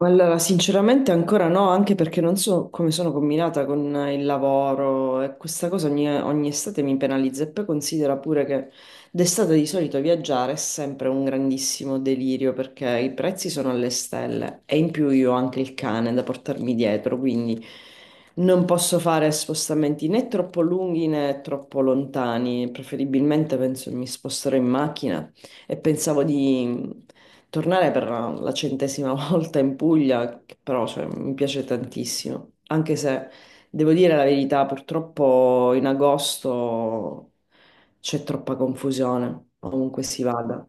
Allora, sinceramente ancora no, anche perché non so come sono combinata con il lavoro e questa cosa ogni estate mi penalizza e poi considera pure che d'estate di solito viaggiare è sempre un grandissimo delirio perché i prezzi sono alle stelle e in più io ho anche il cane da portarmi dietro, quindi non posso fare spostamenti né troppo lunghi né troppo lontani, preferibilmente penso mi sposterò in macchina e pensavo di tornare per la 100ª volta in Puglia, che però cioè, mi piace tantissimo, anche se devo dire la verità, purtroppo in agosto c'è troppa confusione, ovunque si vada.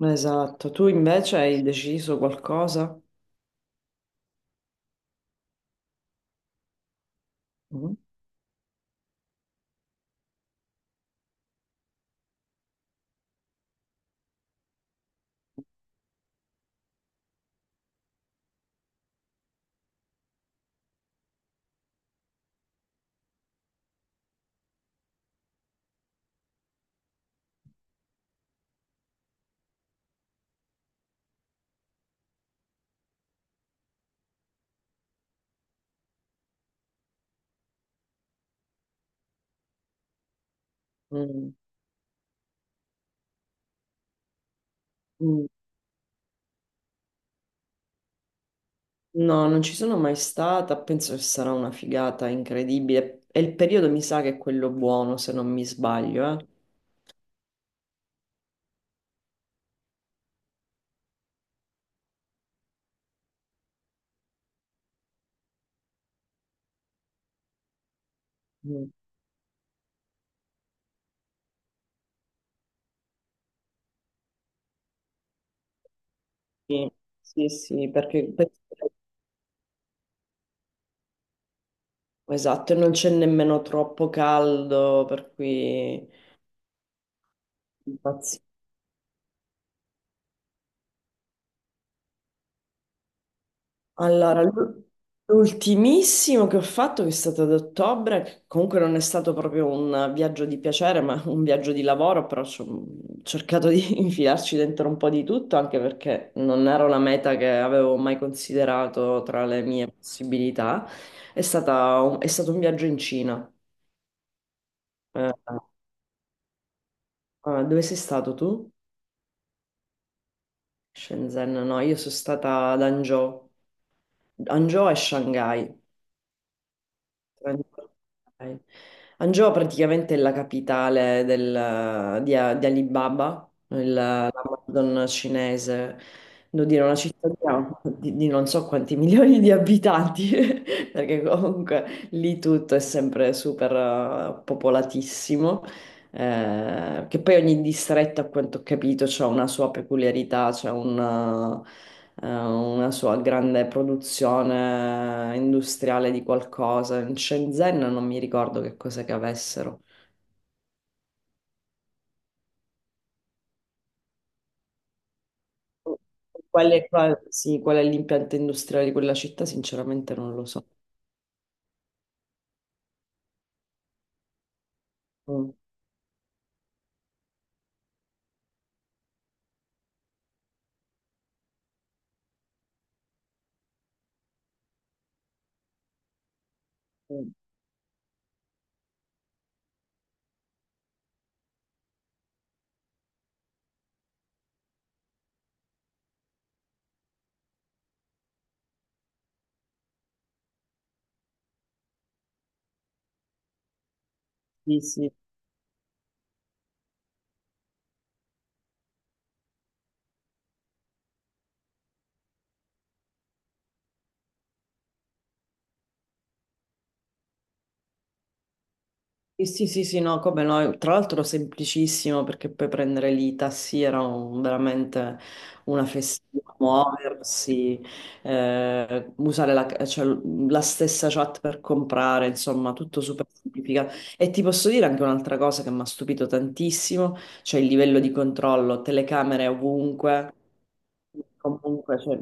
Esatto, tu invece hai deciso qualcosa? Mhm. Mm. Mm. No, non ci sono mai stata, penso che sarà una figata incredibile. E il periodo mi sa che è quello buono, se non mi sbaglio, eh. Mm. Sì, sì, sì, perché... penso. Esatto, e non c'è nemmeno troppo caldo, per cui. Infatti. Allora, l'ultimissimo che ho fatto, che è stato ad ottobre, che comunque non è stato proprio un viaggio di piacere, ma un viaggio di lavoro, però ci ho cercato di infilarci dentro un po' di tutto, anche perché non era una meta che avevo mai considerato tra le mie possibilità. È stato un viaggio in Cina. Eh, eh, dove sei stato tu? Shenzhen, no, io sono stata ad Hangzhou. Hangzhou è Shanghai. Shanghai. Hangzhou praticamente è la capitale di Alibaba, l'Amazon cinese, devo dire una cittadina di non so quanti milioni di abitanti, perché comunque lì tutto è sempre super popolatissimo. Che poi ogni distretto, a quanto ho capito, ha una sua peculiarità, c'è una sua grande produzione industriale di qualcosa. In Shenzhen non mi ricordo che cosa che avessero. Qual è, sì, qual è l'impianto industriale di quella città? Sinceramente non lo so. Mm, mm, sì, sì. Sì, sì, sì, sì, no, come no, tra l'altro semplicissimo perché puoi prendere lì i tassi, era veramente una festina, muoversi, usare la, cioè, la stessa chat per comprare, insomma, tutto super semplificato. E ti posso dire anche un'altra cosa che mi ha stupito tantissimo, cioè il livello di controllo, telecamere ovunque, comunque, cioè,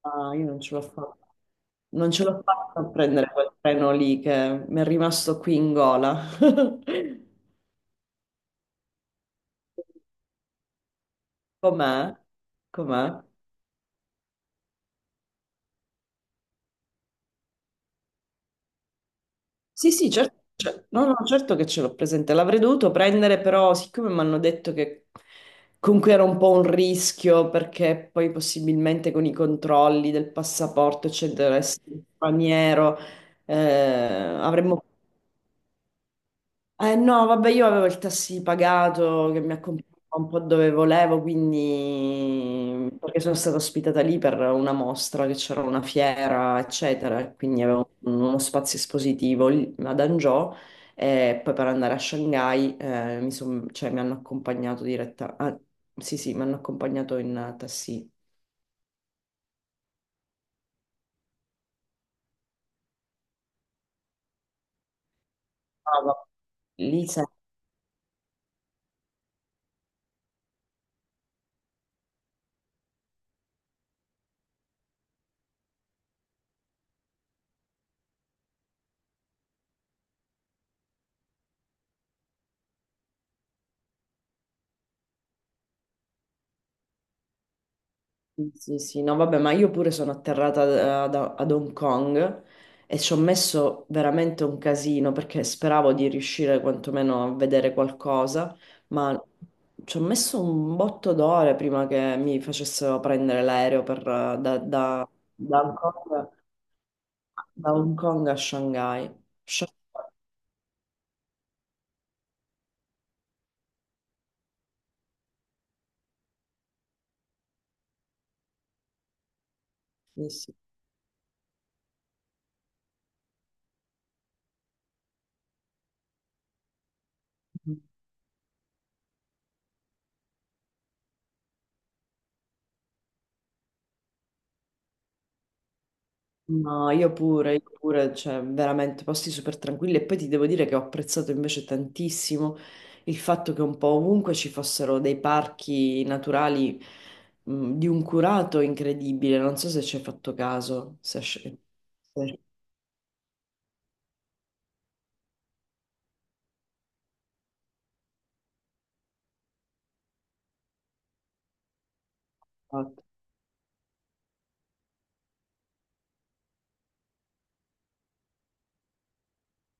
ah, io non ce l'ho fatta. Non ce l'ho fatta a prendere quel treno lì che mi è rimasto qui in gola. Com'è? Com'è? Sì, sì, certo, no, no, certo che ce l'ho presente. L'avrei dovuto prendere, però, siccome mi hanno detto che comunque era un po' un rischio, perché poi possibilmente con i controlli del passaporto, eccetera, essere straniero, eh, avremmo. No, vabbè, io avevo il taxi pagato che mi accompagnava un po' dove volevo, quindi perché sono stata ospitata lì per una mostra che c'era una fiera, eccetera, e quindi avevo uno spazio espositivo lì ad Hangzhou e poi per andare a Shanghai cioè, mi hanno accompagnato diretta. Ah, sì, sì, mi hanno accompagnato in taxi. Ah, lì sì, sì, sì, no, vabbè, ma io pure sono atterrata ad Hong Kong e ci ho messo veramente un casino perché speravo di riuscire quantomeno a vedere qualcosa, ma ci ho messo un botto d'ore prima che mi facessero prendere l'aereo per, da, da- da Hong Kong, da Hong Kong a Shanghai. Shanghai, sì, sì. No, io pure, cioè veramente posti super tranquilli e poi ti devo dire che ho apprezzato invece tantissimo il fatto che un po' ovunque ci fossero dei parchi naturali di un curato incredibile, non so se ci hai fatto caso, se hai se hai fatto.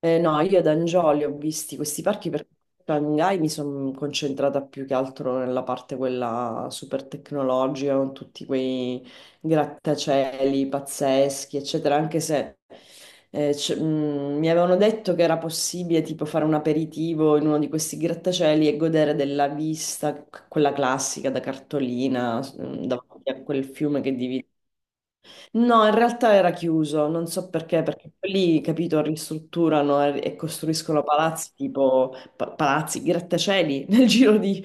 No, io ad Angioli ho visti questi parchi perché a Shanghai mi sono concentrata più che altro nella parte quella super tecnologica, con tutti quei grattacieli pazzeschi, eccetera, anche se mi avevano detto che era possibile tipo fare un aperitivo in uno di questi grattacieli e godere della vista, quella classica da cartolina, davanti a quel fiume che divide. No, in realtà era chiuso, non so perché, perché lì, capito, ristrutturano e costruiscono palazzi tipo palazzi, grattacieli nel giro di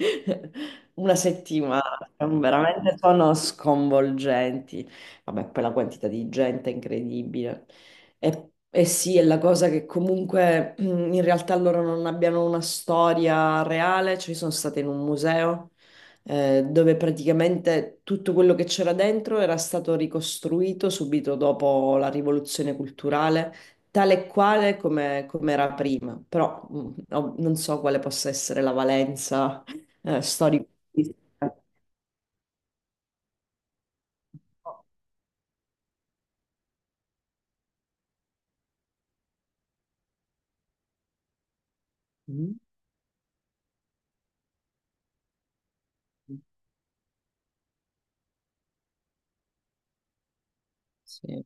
una settimana. Veramente sono sconvolgenti. Vabbè, poi la quantità di gente è incredibile. E sì, è la cosa che comunque mm, in realtà loro non abbiano una storia reale, cioè sono state in un museo dove praticamente tutto quello che c'era dentro era stato ricostruito subito dopo la rivoluzione culturale, tale e quale come, come era prima. Però non so quale possa essere la valenza storica. Mm. Sì,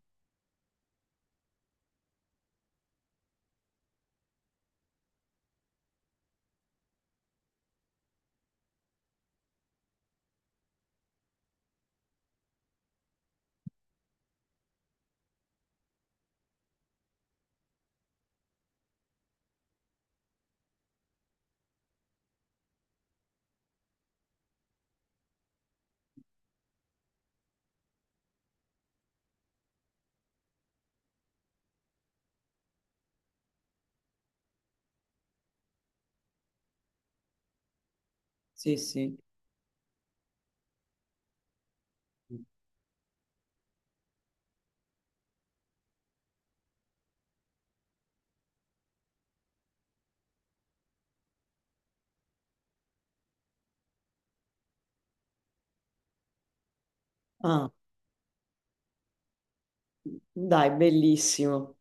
sì, sì. Ah, dai, bellissimo.